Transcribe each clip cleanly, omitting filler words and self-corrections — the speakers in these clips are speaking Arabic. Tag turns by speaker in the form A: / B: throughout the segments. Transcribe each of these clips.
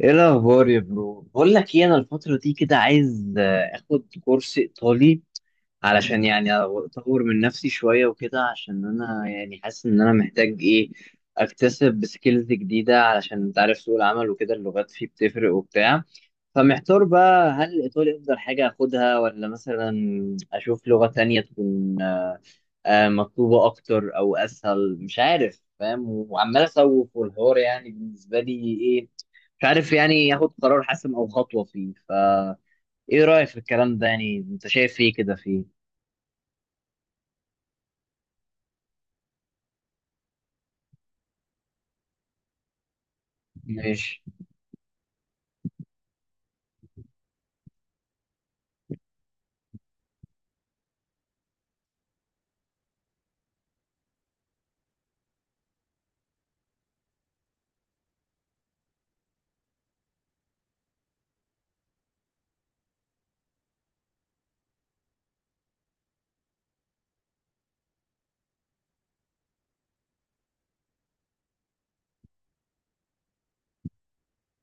A: ايه الاخبار يا برو؟ بقول لك ايه، انا الفتره دي كده عايز اخد كورس ايطالي، علشان يعني اطور من نفسي شويه وكده، عشان انا يعني حاسس ان انا محتاج ايه اكتسب سكيلز جديده. علشان انت عارف سوق العمل وكده، اللغات فيه بتفرق وبتاع. فمحتار بقى هل الايطالي افضل حاجه اخدها، ولا مثلا اشوف لغه تانية تكون مطلوبه اكتر او اسهل. مش عارف، فاهم؟ وعمال اسوق والحوار يعني بالنسبه لي ايه، مش عارف يعني ياخد قرار حاسم او خطوه فيه. ف ايه رايك في الكلام ده؟ يعني انت شايف ايه كده فيه؟ ماشي.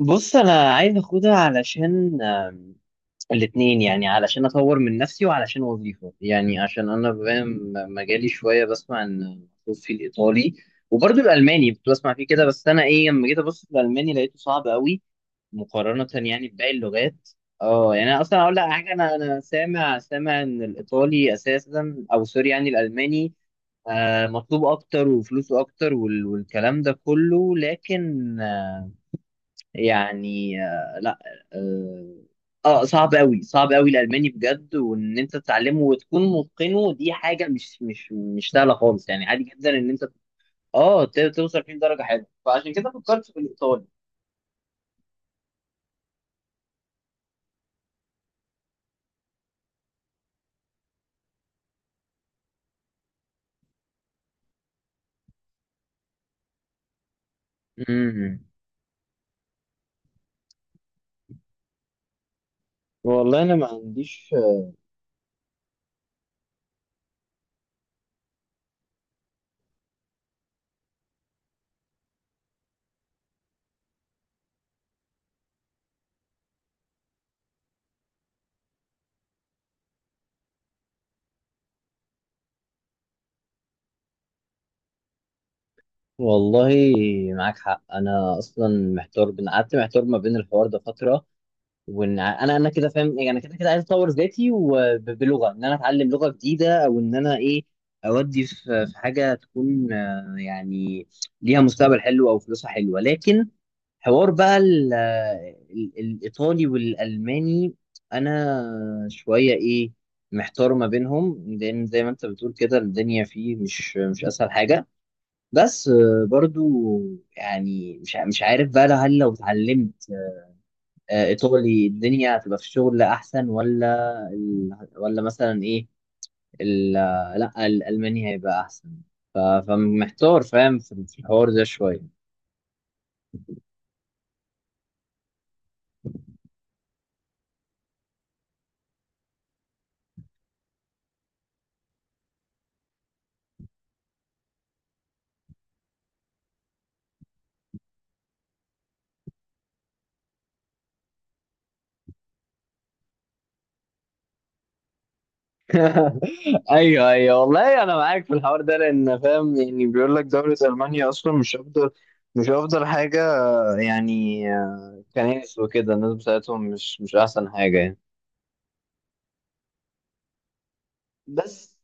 A: بص انا عايز اخدها علشان الاتنين، يعني علشان اطور من نفسي وعلشان وظيفه. يعني عشان انا بما إن مجالي شويه بسمع ان مخصوص في الايطالي، وبرضه الالماني كنت بسمع فيه كده. بس انا ايه، لما جيت ابص في الالماني لقيته صعب قوي مقارنة يعني بباقي اللغات. اه يعني انا اصلا اقول لك حاجة، انا سامع سامع ان الايطالي اساسا، او سوري يعني الالماني، مطلوب اكتر وفلوسه اكتر والكلام ده كله. لكن يعني لا. اه صعب قوي، صعب قوي الالماني بجد. وان انت تتعلمه وتكون متقنه دي حاجة مش سهلة خالص. يعني عادي جدا ان انت اه توصل فيه لدرجة حلوة، فعشان كده فكرت في الايطالي. امم، والله انا ما عنديش، والله معاك حق. انا اصلا محتار، بين قعدت محتار ما بين الحوار ده فتره، وان انا كده فاهم. يعني انا كده كده عايز اطور ذاتي وبلغه ان انا اتعلم لغه جديده، او ان انا ايه اودي في حاجه تكون يعني ليها مستقبل حلو او فلوسها حلوه. لكن حوار بقى الإيطالي والألماني، أنا شوية إيه محتار ما بينهم. لأن زي ما أنت بتقول كده، الدنيا فيه مش أسهل حاجة. بس برضو يعني مش عارف بقى، هل لو اتعلمت ايطالي الدنيا هتبقى في الشغل احسن، ولا ال... ولا مثلا ايه ال... لا الالماني هيبقى احسن؟ ف... فمحتار، فاهم؟ في في الحوار ده شويه. ايوه ايوه، والله انا معاك في الحوار ده. لان فاهم يعني بيقول لك دوله المانيا اصلا مش افضل، مش افضل حاجه. يعني كنائس وكده، الناس بتاعتهم مش احسن حاجه يعني. بس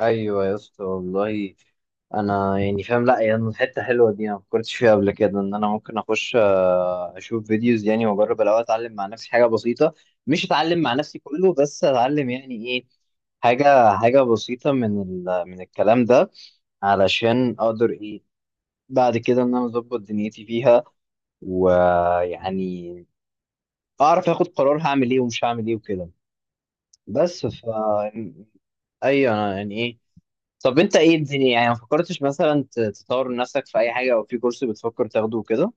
A: ايوه يا اسطى، والله انا يعني فاهم. لا يعني حته حلوه دي، انا ما فكرتش فيها قبل كده، ان انا ممكن اخش اشوف فيديوز يعني، واجرب الاول اتعلم مع نفسي حاجه بسيطه. مش اتعلم مع نفسي كله، بس اتعلم يعني ايه حاجه حاجه بسيطه من ال... من الكلام ده، علشان اقدر ايه بعد كده ان انا اظبط دنيتي فيها. ويعني اعرف اخد قرار، هعمل ايه ومش هعمل ايه وكده. بس ف ايوه، انا يعني ايه. طب انت ايه الدنيا؟ يعني ما فكرتش مثلا تطور من نفسك في اي حاجه، او في كورس بتفكر تاخده كده؟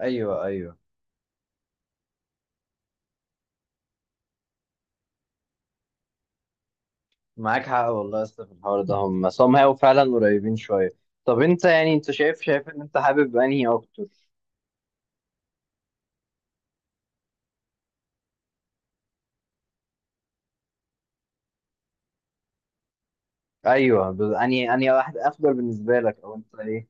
A: ايوه ايوه، معاك حق والله يا اسطى في الحوار ده. هم هم هيبقوا فعلا قريبين شويه. طب انت يعني انت شايف، شايف ان انت حابب انهي اكتر؟ ايوه انهي انهي واحد افضل بالنسبه لك، او انت ايه؟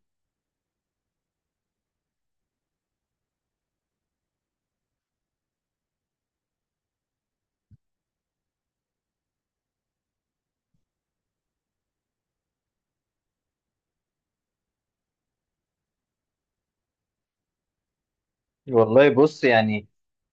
A: والله بص يعني،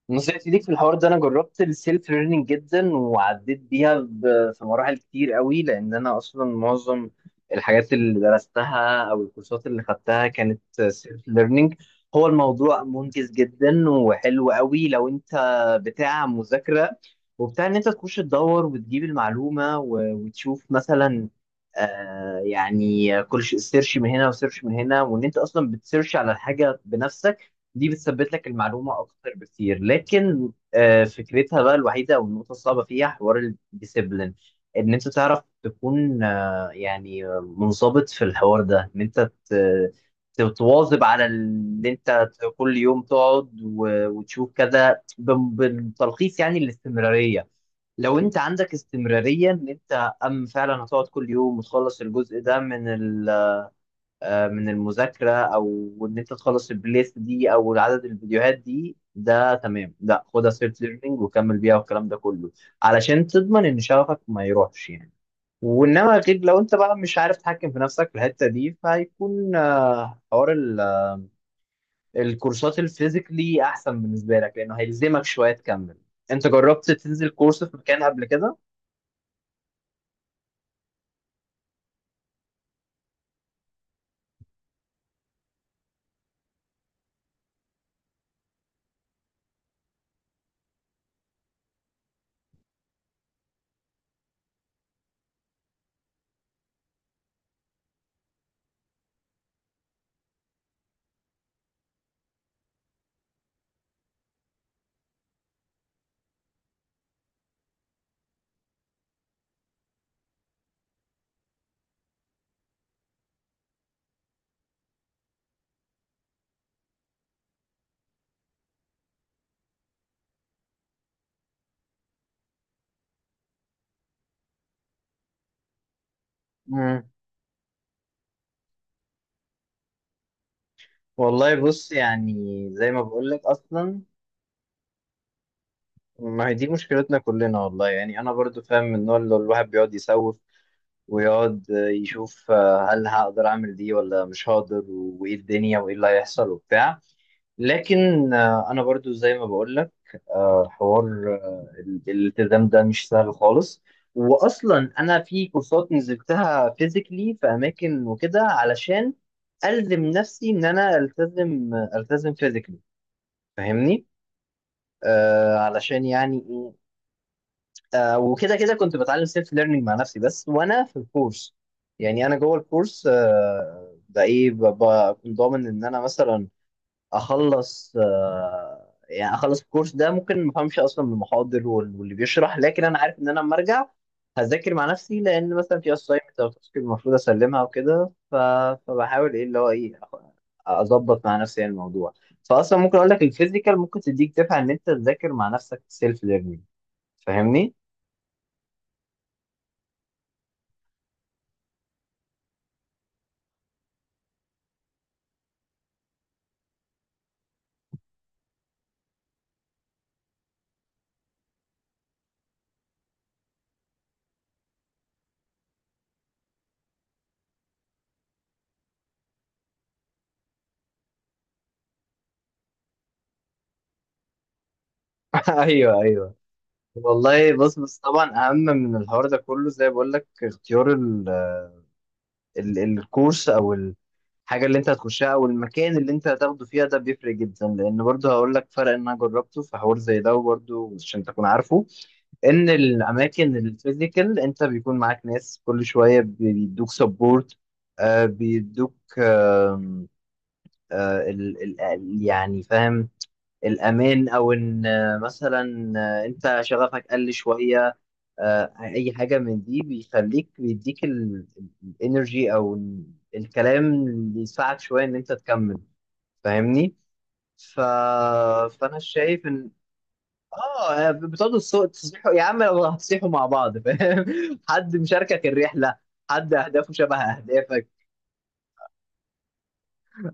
A: بص يا سيدي في الحوار ده انا جربت السيلف ليرنينج جدا، وعديت بيها في مراحل كتير قوي. لان انا اصلا معظم الحاجات اللي درستها او الكورسات اللي خدتها كانت سيلف ليرنينج. هو الموضوع منجز جدا وحلو قوي، لو انت بتاع مذاكرة وبتاع ان انت تخش تدور وتجيب المعلومة وتشوف مثلا، يعني كل سيرش من هنا وسيرش من هنا، وان انت اصلا بتسيرش على الحاجة بنفسك. دي بتثبت لك المعلومة أكتر بكتير. لكن فكرتها بقى الوحيدة أو النقطة الصعبة فيها حوار الديسيبلين، إن أنت تعرف تكون يعني منضبط في الحوار ده. إن أنت تتواظب على اللي أنت كل يوم تقعد وتشوف كذا بالتلخيص. يعني الاستمرارية، لو أنت عندك استمرارية إن أنت فعلا هتقعد كل يوم وتخلص الجزء ده من من المذاكرة، أو إن أنت تخلص البلاي ليست دي أو عدد الفيديوهات دي، ده تمام. لا خدها سيلف ليرنينج وكمل بيها والكلام ده كله، علشان تضمن إن شغفك ما يروحش يعني. وإنما غير لو أنت بقى مش عارف تتحكم في نفسك في الحتة دي، فهيكون حوار الكورسات الفيزيكلي أحسن بالنسبة لك، لأنه هيلزمك شوية تكمل. أنت جربت تنزل كورس في مكان قبل كده؟ مم. والله بص يعني، زي ما بقول لك أصلا، ما هي دي مشكلتنا كلنا والله. يعني انا برضو فاهم، من النوع اللي الواحد بيقعد يسوف، ويقعد يشوف هل هقدر اعمل دي ولا مش هقدر، وايه الدنيا، وايه اللي هيحصل وبتاع. لكن انا برضو زي ما بقول لك حوار الالتزام ده مش سهل خالص. واصلا انا في كورسات نزلتها فيزيكلي في اماكن وكده، علشان الزم نفسي ان انا التزم التزم فيزيكلي. فاهمني؟ آه علشان يعني إيه، آه وكده كده كنت بتعلم سيلف ليرنينج مع نفسي بس، وانا في الكورس. يعني انا جوه الكورس بقى ايه، بكون ضامن ان انا مثلا اخلص يعني اخلص الكورس ده. ممكن ما افهمش اصلا من المحاضر واللي بيشرح، لكن انا عارف ان انا لما ارجع هذاكر مع نفسي، لان مثلا في اساينمنت او تاسك المفروض اسلمها وكده. فبحاول ايه اللي هو ايه اظبط مع نفسي يعني الموضوع. فاصلا ممكن اقول لك الفيزيكال ممكن تديك دفعه ان انت تذاكر مع نفسك سيلف ليرنينج. فاهمني؟ ايوه ايوه، والله بص. بس طبعا اهم من الحوار ده كله زي ما بقول لك اختيار ال الكورس او الحاجه اللي انت هتخشها او المكان اللي انت هتاخده فيها، ده بيفرق جدا. لان برضه هقول لك فرق ان انا جربته في حوار زي ده. وبرضه عشان تكون عارفه ان الاماكن الفيزيكال انت بيكون معاك ناس كل شويه بيدوك سبورت، بيدوك ال يعني فاهم، الامان. او ان مثلا انت شغفك قل شويه، اي حاجه من دي بيخليك بيديك الانرجي، او الكلام اللي يساعد شويه ان انت تكمل. فاهمني؟ ف... فانا شايف ان اه بتقعدوا الصوت تصبحوا يا عم لو هتصيحوا مع بعض، فاهم؟ حد مشاركك الرحله، حد اهدافه شبه اهدافك.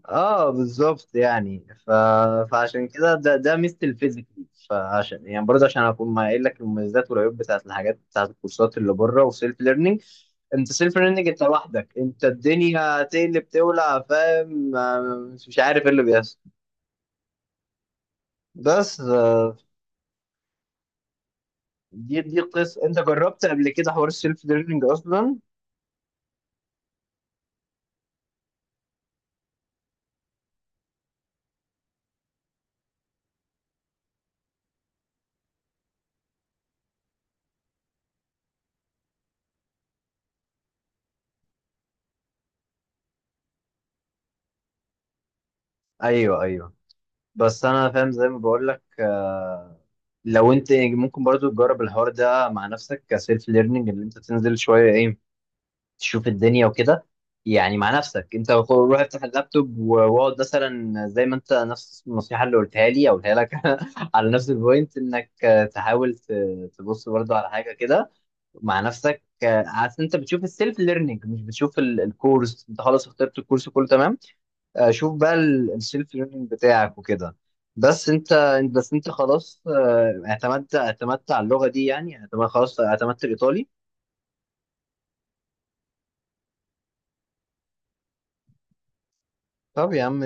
A: اه بالظبط يعني. ف... فعشان كده ده ده ميزه الفيزيكال. فعشان يعني برضه عشان اكون ما قايل لك المميزات والعيوب بتاعت الحاجات، بتاعت الكورسات اللي بره وسيلف ليرنينج. انت سيلف ليرنينج انت لوحدك، انت الدنيا هتقلب تولع، فاهم؟ مش عارف ايه اللي بيحصل. بس دي دي قصه، انت جربت قبل كده حوار السيلف ليرنينج اصلا؟ ايوه ايوه. بس انا فاهم زي ما بقول لك لو انت ممكن برضو تجرب الحوار ده مع نفسك كسيلف ليرنينج، اللي انت تنزل شويه ايه تشوف الدنيا وكده. يعني مع نفسك انت روح افتح اللابتوب واقعد مثلا، زي ما انت نفس النصيحه اللي قلتها لي او قلتها لك على نفس البوينت، انك تحاول تبص برضو على حاجه كده مع نفسك عشان انت بتشوف السيلف ليرنينج، مش بتشوف الكورس، انت خلاص اخترت الكورس كله تمام. شوف بقى السيلف ليرنينج بتاعك وكده. بس انت، بس انت خلاص اعتمدت اعتمدت على اللغه دي، يعني اعتمدت، خلاص اعتمدت الايطالي؟ طب يا عم،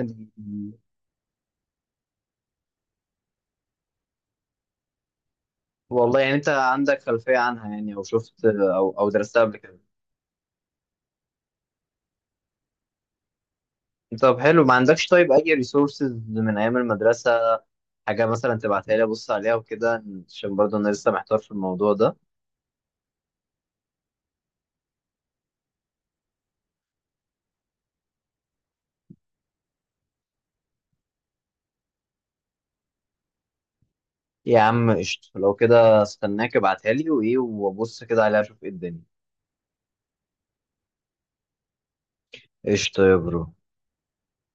A: والله يعني انت عندك خلفيه عنها، يعني او شفت او او درستها قبل كده؟ طب حلو، ما عندكش طيب اي ريسورسز من ايام المدرسه، حاجه مثلا تبعتها لي ابص عليها وكده؟ عشان برضه انا لسه محتار في الموضوع ده. يا عم قشطه، لو كده استناك ابعتها لي، وايه وابص كده عليها اشوف ايه الدنيا. قشطه يا برو.